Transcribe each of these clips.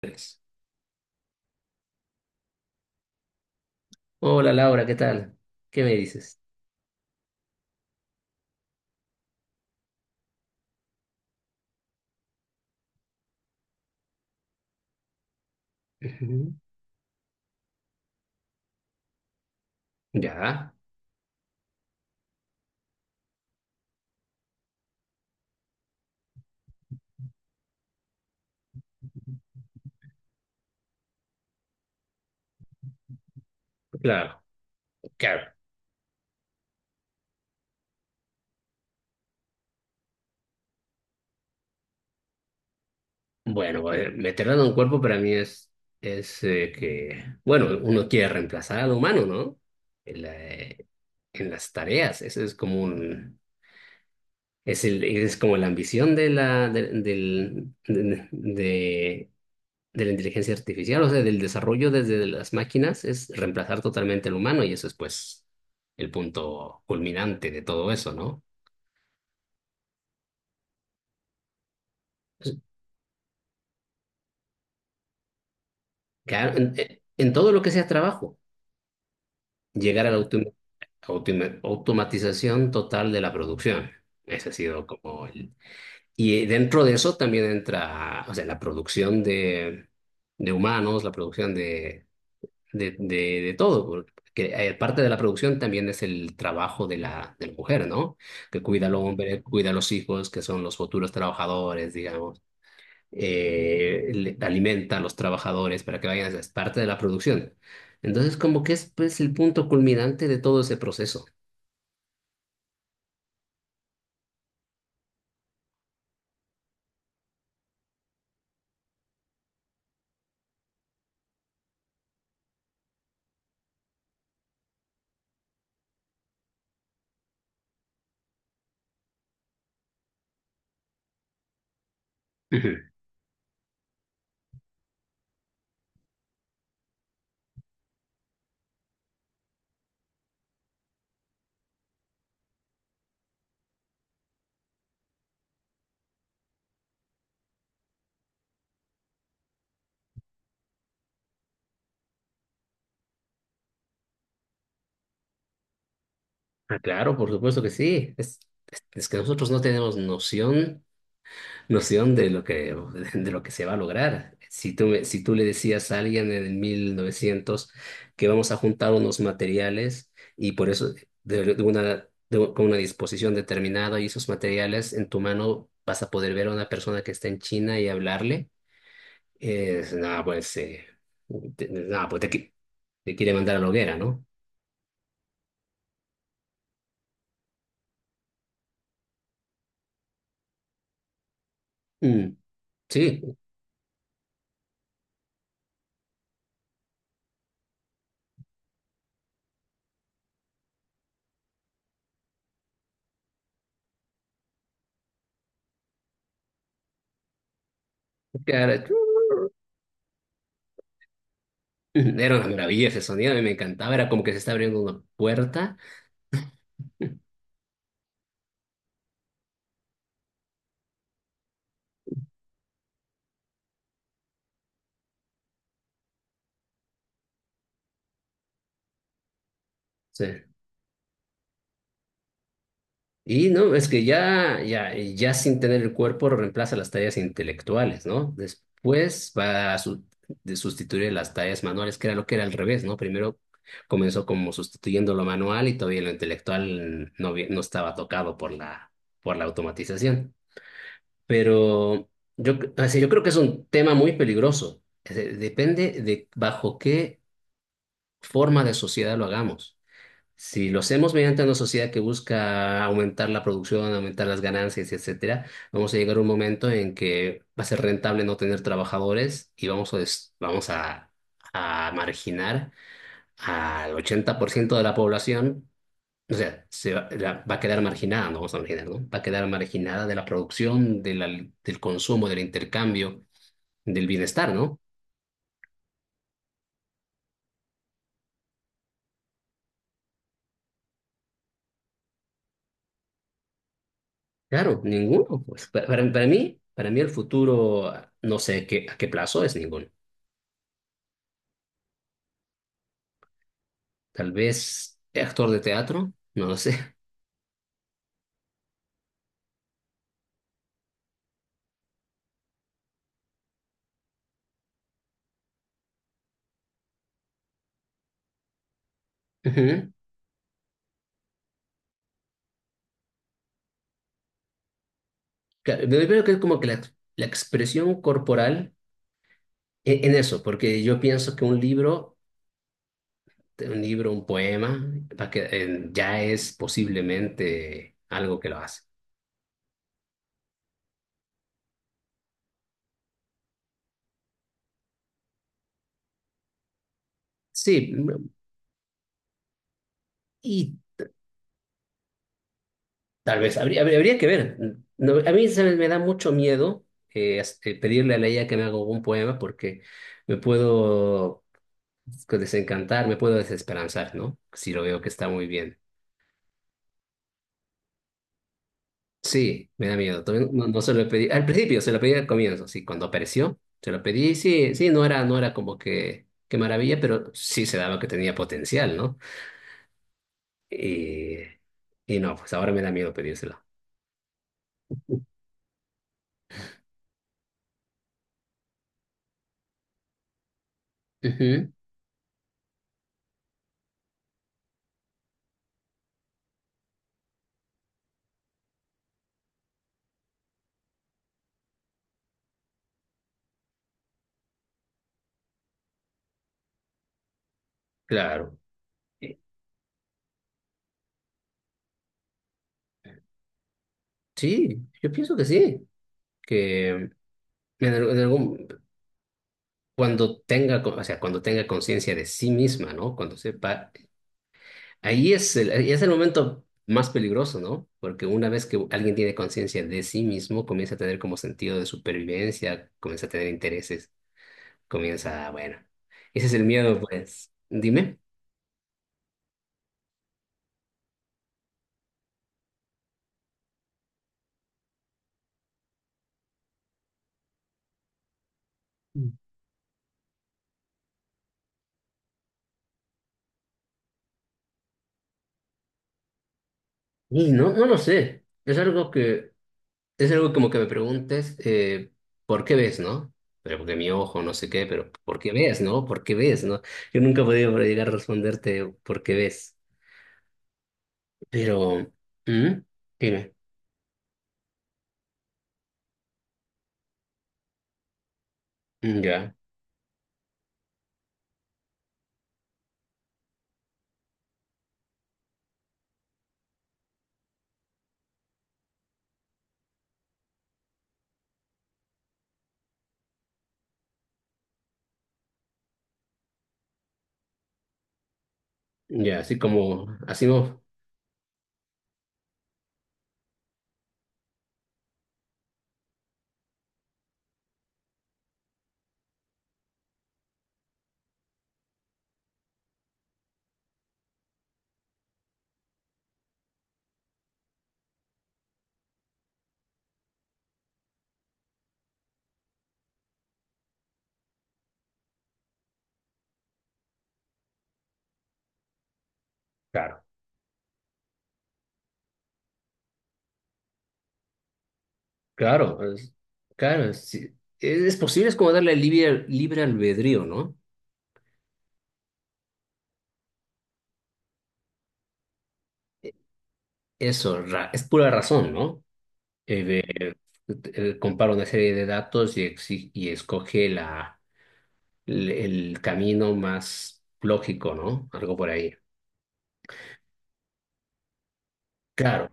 Tres. Hola Laura, ¿qué tal? ¿Qué me dices? Ujú. Ya, claro, claro. Bueno, veterano en cuerpo para mí es que, bueno, uno quiere reemplazar al humano, ¿no? En, la- eh, en las tareas, eso es como un, es el, es como la ambición de la, de, del- de la inteligencia artificial, o sea, del desarrollo desde las máquinas, es reemplazar totalmente al humano y eso es pues el punto culminante de todo eso, ¿no? Claro, todo lo que sea trabajo, llegar a la automatización total de la producción. Ese ha sido como el... Y dentro de eso también entra, o sea, la producción de humanos, la producción de, de, de todo, porque parte de la producción también es el trabajo de de la mujer, ¿no? Que cuida al hombre, cuida a los hijos, que son los futuros trabajadores, digamos, alimenta a los trabajadores para que vayan, es parte de la producción. Entonces, como que es pues el punto culminante de todo ese proceso. Ujú. Ah, claro, por supuesto que sí. Es que nosotros no tenemos noción de lo que, de lo que se va a lograr. Si tú le decías a alguien en el 1900 que vamos a juntar unos materiales y por eso de una, de un- con una disposición determinada y esos materiales en tu mano vas a poder ver a una persona que está en China y hablarle, nada, pues, te, nada, pues te, qui- te quiere mandar a la hoguera, ¿no? Mm, sí, claro, era una maravilla ese sonido, a mí me encantaba, era como que se está abriendo una puerta. Sí. Y no, es que ya sin tener el cuerpo reemplaza las tareas intelectuales, ¿no? Después va a su- de sustituir las tareas manuales, que era lo que era al revés, ¿no? Primero comenzó como sustituyendo lo manual y todavía lo intelectual no, no estaba tocado por la automatización. Pero yo creo que es un tema muy peligroso. Depende de bajo qué forma de sociedad lo hagamos. Si lo hacemos mediante una sociedad que busca aumentar la producción, aumentar las ganancias, etcétera, vamos a llegar a un momento en que va a ser rentable no tener trabajadores y vamos a, des- vamos a marginar al 80% de la población. O sea, se va, va a quedar marginada, no vamos a marginar, ¿no? Va a quedar marginada de la producción, del consumo, del intercambio, del bienestar, ¿no? Claro, ninguno. Pues, para mí el futuro, no sé qué, a qué plazo, es ninguno. Tal vez actor de teatro, no lo sé. Ujú. Claro, me veo que es como que la expresión corporal eso, porque yo pienso que un libro, un libro, un poema, va que, ya es posiblemente algo que lo hace. Sí, mm, y tal vez habría que ver. No, a mí me da mucho miedo pedirle a Leia que me haga un poema porque me puedo pues, desencantar, me puedo desesperanzar, ¿no? Si lo veo que está muy bien. Sí, me da miedo. Todavía no, no se lo pedí. Al principio se lo pedí al comienzo, sí, cuando apareció, se lo pedí. Sí, sí, no era, no era como que qué maravilla, pero sí se daba que tenía potencial, ¿no? Y, y no, pues ahora me da miedo pedírselo. Ujú, claro. Eh, Sí, yo pienso que sí, que en, al- en algún, cuando o sea, cuando tenga conciencia de sí misma, ¿no? Cuando sepa, ahí es el, ahí es el momento más peligroso, ¿no? Porque una vez que alguien tiene conciencia de sí mismo, comienza a tener como sentido de supervivencia, comienza a tener intereses, comienza, bueno, ese es el miedo, pues. Dime. Mm. Y no, no lo sé. Es algo que, es algo como que me preguntes, ¿por qué ves, no? Pero porque mi ojo, no sé qué, pero ¿por qué ves, no? ¿Por qué ves, no? Yo nunca he podido llegar a responderte ¿por qué ves? Pero, ¿mm? Dime. Mm, ya. Ya, así como, así no. Claro. Claro, es- claro, sí. Es posible, es como darle libre, libre albedrío, ¿no? Eso, es pura razón, ¿no? Eh, eh, Compara una serie de datos y, y escoge la, el camino más lógico, ¿no? Algo por ahí. Claro,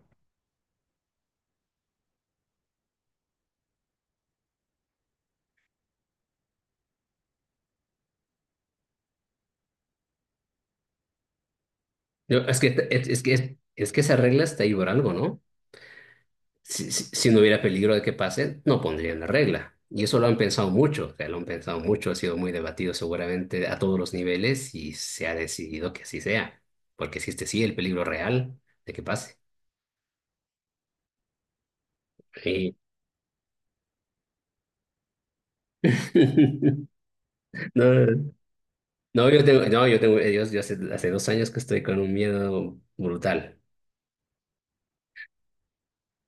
Que esa regla está ahí por algo, ¿no? Si si- no hubiera peligro de que pase, no pondrían la regla. Y eso lo han pensado mucho, o sea, lo han pensado mucho, ha sido muy debatido seguramente a todos los niveles y se ha decidido que así sea, porque existe sí el peligro real de que pase. Y- No, no, yo tengo, hace 2 años que estoy con un miedo brutal.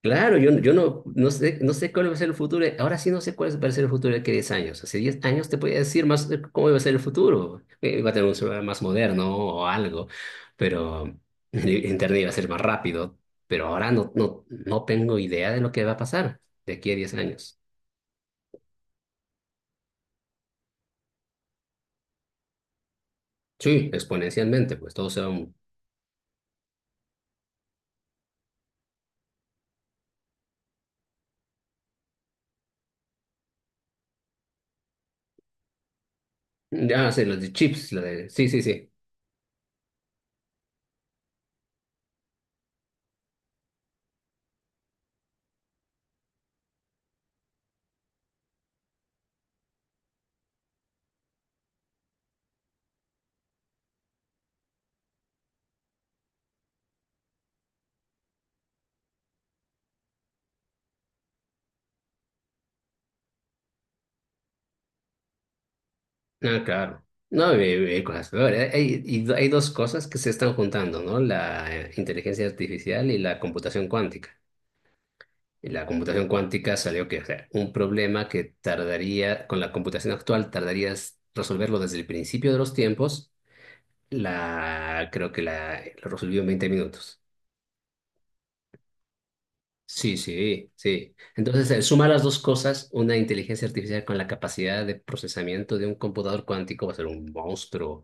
Claro, yo no, no sé, no sé cuál va a ser el futuro. Ahora sí no sé cuál va a ser el futuro de aquí a 10 años. Hace 10 años te podía decir más de cómo va a ser el futuro. Va a tener un celular más moderno o algo, pero el Internet iba a ser más rápido. Pero ahora no tengo idea de lo que va a pasar de aquí a 10 años. Sí, exponencialmente, pues todo se va... un- Ya, sí, los de chips, la de... Sí, sí, sí. Ah, claro. No, cosas peores. Hay, y hay dos cosas que se están juntando, ¿no? La inteligencia artificial y la computación cuántica. Y la computación cuántica salió que, o sea, un problema que tardaría, con la computación actual, tardarías resolverlo desde el principio de los tiempos, la, creo que la, lo resolvió en 20 minutos. Sí, sí, sí. Entonces, suma las dos cosas, una inteligencia artificial con la capacidad de procesamiento de un computador cuántico va a ser un monstruo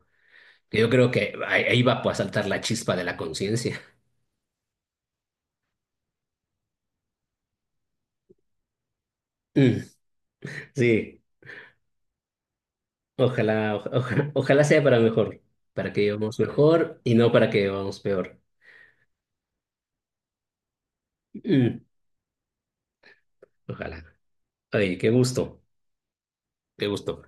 que yo creo que ahí va pues, a saltar la chispa de la conciencia. Mm, sí, ojalá, ojalá sea para mejor, para que vivamos mejor y no para que vivamos peor. Mm. Ojalá. Ay, qué gusto, qué gusto.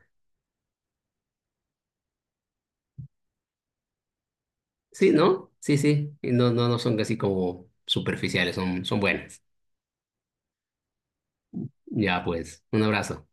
Sí, ¿no? Sí, sí. Y no, no, no son casi como superficiales, son, son buenas. Ya, pues, un abrazo.